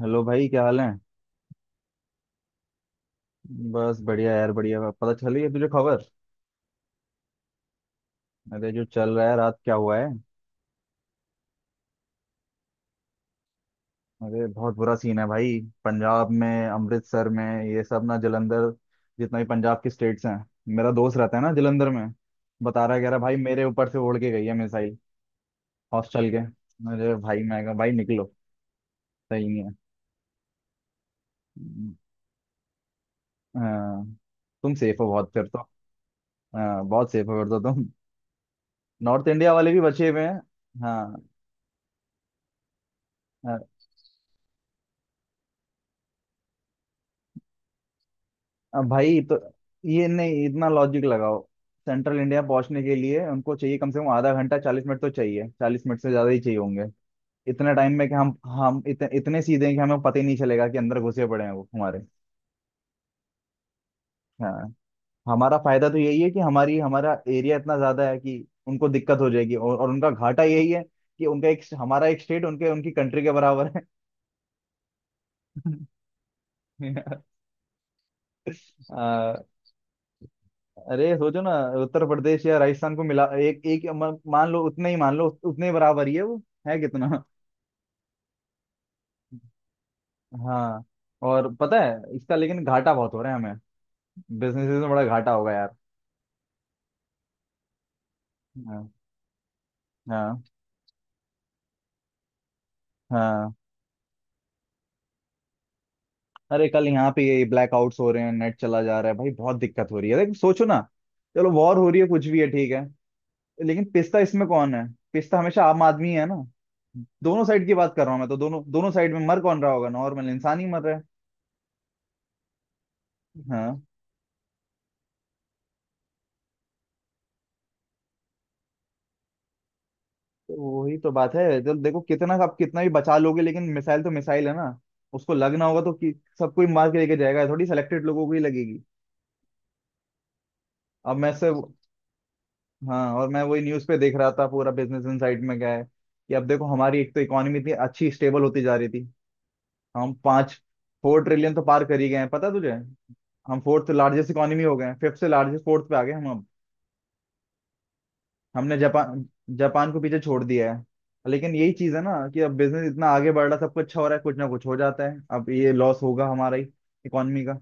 Hello भाई, क्या हाल है? बस बढ़िया यार, बढ़िया। पता चली है तुझे खबर? अरे जो चल रहा है, रात क्या हुआ है। अरे बहुत बुरा सीन है भाई। पंजाब में, अमृतसर में, ये सब ना जलंधर, जितना भी पंजाब के स्टेट्स हैं। मेरा दोस्त रहता है ना जलंधर में, बता रहा है, कह रहा है, भाई मेरे ऊपर से उड़ के गई है मिसाइल, हॉस्टल के। अरे भाई, मैं कहा भाई निकलो, सही नहीं है। हाँ, तुम सेफ हो बहुत फिर तो। हाँ, बहुत सेफ हो फिर तो तुम। नॉर्थ इंडिया वाले भी बचे हुए हैं। हाँ। अब भाई तो ये नहीं, इतना लॉजिक लगाओ। सेंट्रल इंडिया पहुंचने के लिए उनको चाहिए कम से कम आधा घंटा, 40 मिनट तो चाहिए, 40 मिनट से ज्यादा ही चाहिए होंगे। इतने टाइम में कि इतने सीधे हैं कि हमें पता ही नहीं चलेगा कि अंदर घुसे पड़े हैं वो हमारे। हाँ, हमारा फायदा तो यही है कि हमारी हमारा एरिया इतना ज्यादा है कि उनको दिक्कत हो जाएगी, और उनका घाटा यही है कि उनका एक, हमारा एक स्टेट उनके, उनकी कंट्री के बराबर है। आ, अरे सोचो ना, उत्तर प्रदेश या राजस्थान को मिला एक एक मान लो उतने ही, मान लो उतने ही बराबर ही है वो। है कितना। हाँ, और पता है इसका, लेकिन घाटा बहुत हो रहा है हमें। बिजनेसेस में बड़ा घाटा होगा यार। हाँ। हाँ। हाँ। अरे कल यहाँ पे ये ब्लैकआउट्स हो रहे हैं, नेट चला जा रहा है भाई, बहुत दिक्कत हो रही है। लेकिन सोचो ना, चलो वॉर हो रही है, कुछ भी है, ठीक है, लेकिन पिसता इसमें कौन है? पिसता हमेशा आम आदमी है ना। दोनों साइड की बात कर रहा हूँ मैं तो, दोनों दोनों साइड में मर कौन रहा होगा, नॉर्मल इंसान ही मर रहा है। हाँ। तो वही तो बात है, जब देखो कितना आप कितना भी बचा लोगे, लेकिन मिसाइल तो मिसाइल है ना, उसको लगना होगा तो कि सब कोई मार के लेके जाएगा, थोड़ी सिलेक्टेड लोगों को ही लगेगी। अब मैं से। हाँ, और मैं वही न्यूज पे देख रहा था, पूरा बिजनेस इनसाइड में क्या है कि अब देखो, हमारी एक तो इकोनॉमी इतनी अच्छी स्टेबल होती जा रही थी। हम पाँच, 4 ट्रिलियन तो पार कर ही गए हैं, पता तुझे? हम फोर्थ लार्जेस्ट इकोनॉमी हो गए हैं, फिफ्थ से लार्जेस्ट फोर्थ पे आ गए हम अब। हमने जापान जापान को पीछे छोड़ दिया है। लेकिन यही चीज है ना कि अब बिजनेस इतना आगे बढ़ रहा है, सब कुछ अच्छा हो रहा है, कुछ ना कुछ हो जाता है। अब ये लॉस होगा हमारा ही, इकोनॉमी का।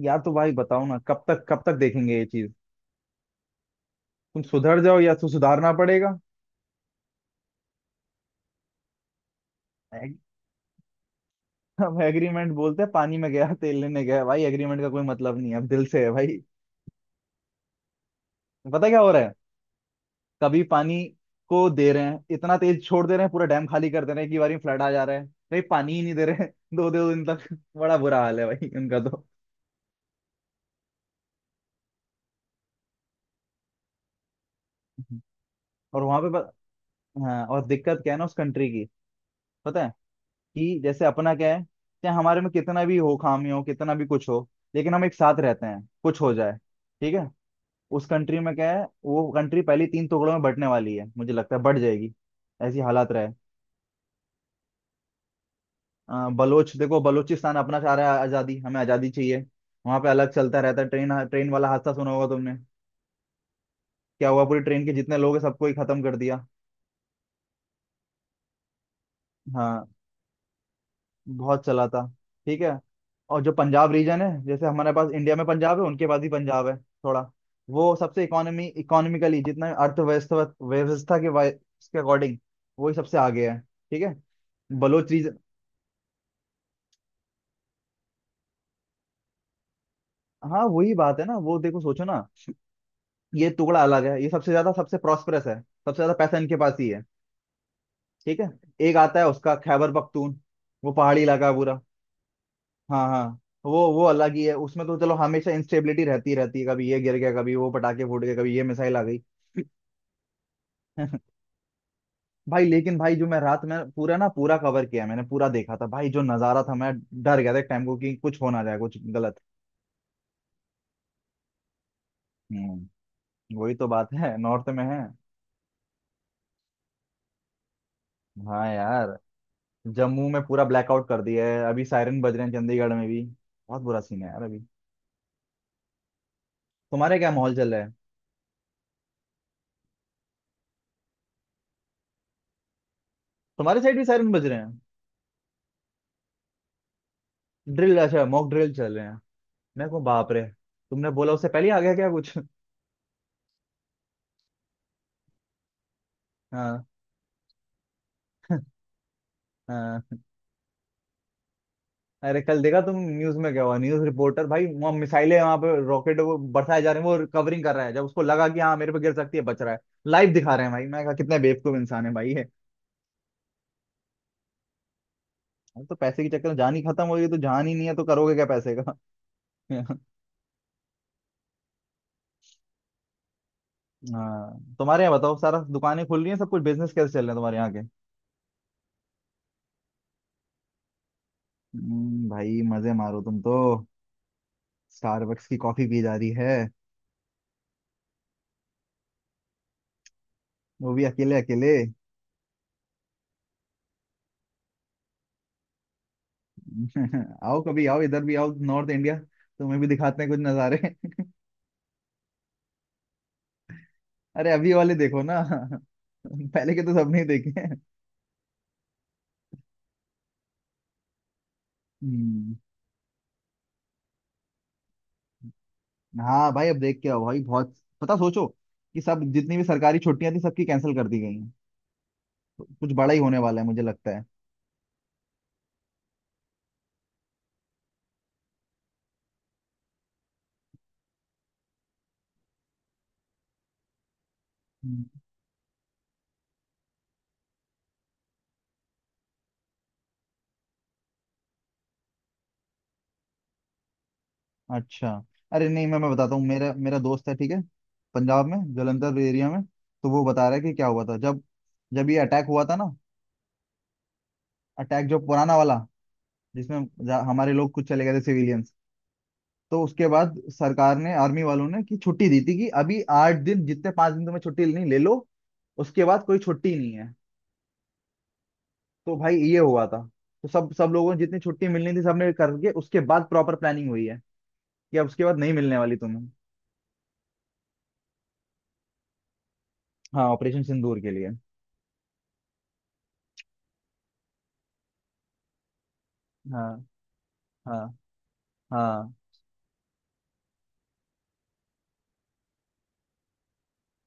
यार तो भाई बताओ ना, कब तक, कब तक देखेंगे ये चीज? तुम सुधर जाओ, या तो सुधारना पड़ेगा। एग- अब एग्रीमेंट बोलते हैं, पानी में गया, तेल लेने गया भाई, एग्रीमेंट का कोई मतलब नहीं है, अब दिल से है भाई। पता है क्या हो रहा है? कभी पानी को दे रहे हैं इतना तेज छोड़ दे रहे हैं, पूरा डैम खाली कर दे रहे हैं कि बारी में फ्लड आ जा रहा है। भाई पानी ही नहीं दे रहे हैं दो दो दिन तक। बड़ा बुरा हाल है भाई उनका तो। और वहां पे हाँ, और दिक्कत क्या है ना उस कंट्री की, पता है? कि जैसे अपना क्या है, चाहे हमारे में कितना भी हो, खामी हो, कितना भी कुछ हो, लेकिन हम एक साथ रहते हैं, कुछ हो जाए, ठीक है। उस कंट्री में क्या है, वो कंट्री पहले तीन टुकड़ों में बंटने वाली है, मुझे लगता है बढ़ जाएगी, ऐसी हालात रहे। बलोच देखो, बलोचिस्तान अपना चाह रहा है आज़ादी, हमें आज़ादी चाहिए। वहां पे अलग चलता रहता है, ट्रेन, ट्रेन वाला हादसा सुना होगा तुमने? क्या हुआ, पूरी ट्रेन के जितने लोग हैं सबको ही खत्म कर दिया। हाँ, बहुत चला था। ठीक है। और जो पंजाब रीजन है, जैसे हमारे पास इंडिया में पंजाब है, उनके पास भी पंजाब है थोड़ा, वो सबसे, इकोनॉमी, इकोनॉमिकली जितना, अर्थव्यवस्था व्यवस्था के के अकॉर्डिंग वही सबसे आगे है। ठीक है, बलोच रीजन। हाँ, वही बात है ना वो। देखो, सोचो ना, ये टुकड़ा अलग है, ये सबसे ज्यादा, सबसे प्रॉस्परस है, सबसे ज्यादा पैसा इनके पास ही है। ठीक है। एक आता है उसका खैबर पख्तून, वो पहाड़ी इलाका है पूरा। हाँ हाँ। वो अलग ही है उसमें, तो चलो हमेशा इंस्टेबिलिटी रहती रहती है, कभी ये गिर गया, कभी वो पटाखे फूट गए, कभी ये मिसाइल आ गई। भाई लेकिन भाई, जो मैं रात में पूरा ना, पूरा कवर किया मैंने, पूरा देखा था भाई, जो नजारा था, मैं डर गया था एक टाइम को कि कुछ हो ना जाए, कुछ गलत। हम्म। वही तो बात है, नॉर्थ में है। हाँ यार, जम्मू में पूरा ब्लैकआउट कर दिया है, अभी सायरन बज रहे हैं चंडीगढ़ में भी। बहुत बुरा सीन है यार अभी। तुम्हारे क्या माहौल चल रहा है? तुम्हारे साइड भी सायरन बज रहे हैं? ड्रिल, अच्छा, मॉक ड्रिल चल रहे हैं। मैं कहूँ बाप रे। तुमने बोला उससे पहले ही आ गया क्या कुछ? हाँ। हाँ। अरे कल देखा तुम न्यूज में क्या हुआ, न्यूज रिपोर्टर भाई, वहाँ मिसाइलें, वहां पे रॉकेट वो बरसाए जा रहे हैं, वो कवरिंग कर रहा है। जब उसको लगा कि हाँ मेरे पे गिर सकती है, बच रहा है। लाइव दिखा रहे हैं भाई। मैं कहा कितने बेवकूफ इंसान है भाई ये। अब तो पैसे के चक्कर में जान ही खत्म हो गई, तो जान ही नहीं है तो करोगे क्या पैसे का? हाँ, तुम्हारे यहाँ बताओ, सारा दुकानें खुल रही हैं, सब कुछ बिजनेस कैसे चल रहे हैं तुम्हारे यहाँ के? भाई मजे मारो तुम तो, स्टारबक्स की कॉफी पी जा रही है, वो भी अकेले अकेले। आओ कभी, आओ इधर भी, आओ नॉर्थ इंडिया, तुम्हें भी दिखाते हैं कुछ नज़ारे। अरे अभी वाले देखो ना। पहले के तो सबने ही देखे हैं। हम्म। हाँ भाई, अब देख के आओ भाई, बहुत। पता, सोचो कि सब जितनी भी सरकारी छुट्टियां थी सबकी कैंसिल कर दी गई हैं, तो कुछ बड़ा ही होने वाला है मुझे लगता है। हम्म। अच्छा। अरे नहीं, मैं बताता हूँ, मेरा मेरा दोस्त है, ठीक है, पंजाब में जलंधर एरिया में, तो वो बता रहा है कि क्या हुआ था जब, जब ये अटैक हुआ था ना, अटैक जो पुराना वाला, जिसमें हमारे लोग कुछ चले गए थे, सिविलियंस, तो उसके बाद सरकार ने, आर्मी वालों ने कि छुट्टी दी थी कि अभी 8 दिन जितने, 5 दिन तुम्हें छुट्टी लेनी ले लो, उसके बाद कोई छुट्टी नहीं है। तो भाई ये हुआ था। तो सब सब लोगों ने जितनी छुट्टी मिलनी थी सबने करके उसके बाद प्रॉपर प्लानिंग हुई है कि अब उसके बाद नहीं मिलने वाली तुम्हें। हाँ, ऑपरेशन सिंदूर के लिए। हाँ। हाँ। हाँ।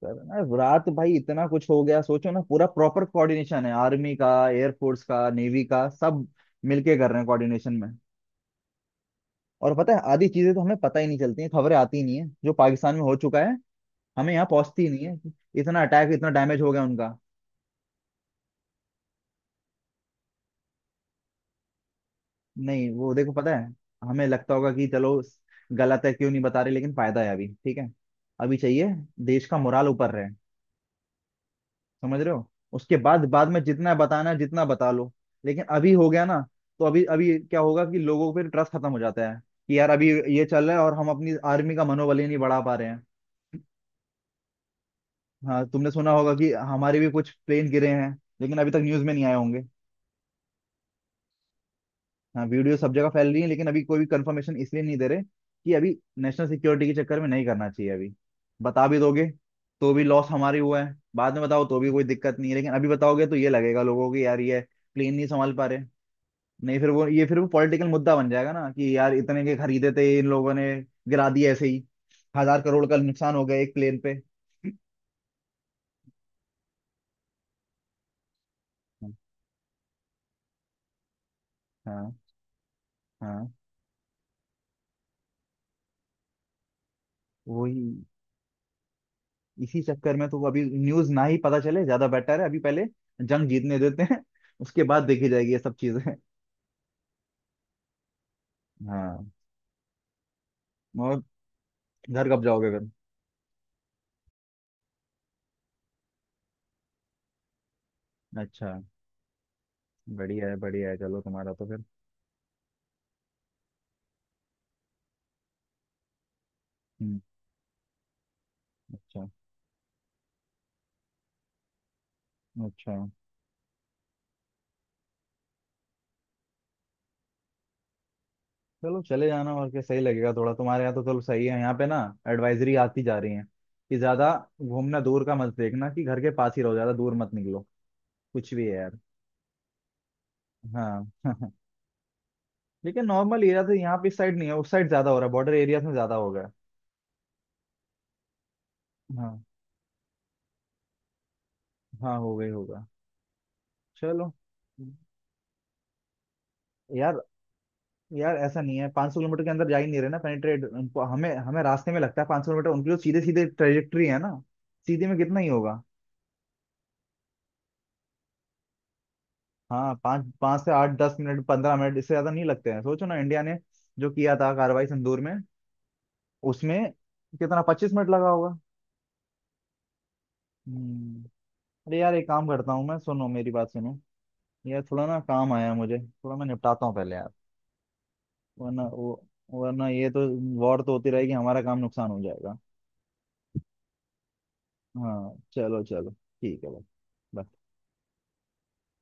सर अरे रात भाई इतना कुछ हो गया, सोचो ना, पूरा प्रॉपर कोऑर्डिनेशन है, आर्मी का, एयरफोर्स का, नेवी का, सब मिलके कर रहे हैं कोऑर्डिनेशन में। और पता है आधी चीजें तो हमें पता ही नहीं चलती हैं, खबरें आती ही नहीं है, जो पाकिस्तान में हो चुका है, हमें यहाँ पहुंचती ही नहीं है। इतना अटैक, इतना डैमेज हो गया उनका। नहीं वो देखो, पता है, हमें लगता होगा कि चलो गलत है, क्यों नहीं बता रहे, लेकिन फायदा है अभी, ठीक है। अभी चाहिए, देश का मोराल ऊपर रहे, समझ रहे हो? उसके बाद, बाद में जितना बताना है जितना बता लो, लेकिन अभी हो गया ना, तो अभी अभी क्या होगा कि लोगों पर ट्रस्ट खत्म हो जाता है कि यार अभी ये चल रहा है और हम अपनी आर्मी का मनोबल ही नहीं बढ़ा पा रहे हैं। हाँ, तुमने सुना होगा कि हमारे भी कुछ प्लेन गिरे हैं, लेकिन अभी तक न्यूज में नहीं आए होंगे। हाँ, वीडियो सब जगह फैल रही है, लेकिन अभी कोई भी कंफर्मेशन इसलिए नहीं दे रहे कि अभी नेशनल सिक्योरिटी के चक्कर में नहीं करना चाहिए अभी। बता भी दोगे तो भी लॉस हमारी हुआ है, बाद में बताओ तो भी कोई दिक्कत नहीं है, लेकिन अभी बताओगे तो ये लगेगा लोगों को कि यार ये क्लीन नहीं संभाल पा रहे। नहीं, फिर वो, ये फिर वो पॉलिटिकल मुद्दा बन जाएगा ना कि यार इतने के खरीदे थे इन लोगों ने, गिरा दिए ऐसे ही, 1,000 करोड़ का नुकसान हो गया एक प्लेन पे। हाँ। हाँ। हाँ। वही। इसी चक्कर में तो वो अभी, न्यूज ना ही पता चले ज्यादा बेटर है, अभी पहले जंग जीतने देते हैं, उसके बाद देखी जाएगी ये सब चीजें। हाँ। और घर कब जाओगे फिर? अच्छा। बढ़िया है, बढ़िया है, चलो तुम्हारा तो फिर। हम्म। अच्छा। अच्छा। चलो चले जाना, और क्या सही लगेगा थोड़ा, तुम्हारे यहाँ तो चलो सही है, यहाँ पे ना एडवाइजरी आती जा रही है कि ज्यादा घूमना, दूर का मत देखना, कि घर के पास ही रहो, ज्यादा दूर मत निकलो, कुछ भी है यार। हाँ। लेकिन नॉर्मल एरिया तो यहाँ पे इस साइड नहीं है, उस साइड ज्यादा हो रहा है, बॉर्डर एरियाज में ज्यादा हो गया है। हाँ। हाँ, हो गई होगा। चलो। यार, यार ऐसा नहीं है, 500 किलोमीटर के अंदर जा ही नहीं रहे ना पेनिट्रेट, हमें हमें रास्ते में लगता है 500 किलोमीटर, उनकी जो सीधे सीधे ट्रेजेक्ट्री है ना, सीधे में कितना ही होगा। हाँ, पाँच, पाँच से आठ, 10 मिनट, 15 मिनट, इससे ज्यादा नहीं लगते हैं। सोचो ना, इंडिया ने जो किया था कार्रवाई संदूर में, उसमें कितना, 25 मिनट लगा होगा। हम्म। अरे यार एक काम करता हूँ, मैं, सुनो मेरी बात सुनो यार, थोड़ा ना काम आया है मुझे, थोड़ा मैं निपटाता हूँ पहले यार, वरना वो वरना ये तो, वॉर तो होती रहेगी, हमारा काम नुकसान हो जाएगा। हाँ चलो चलो, ठीक है भाई, bye।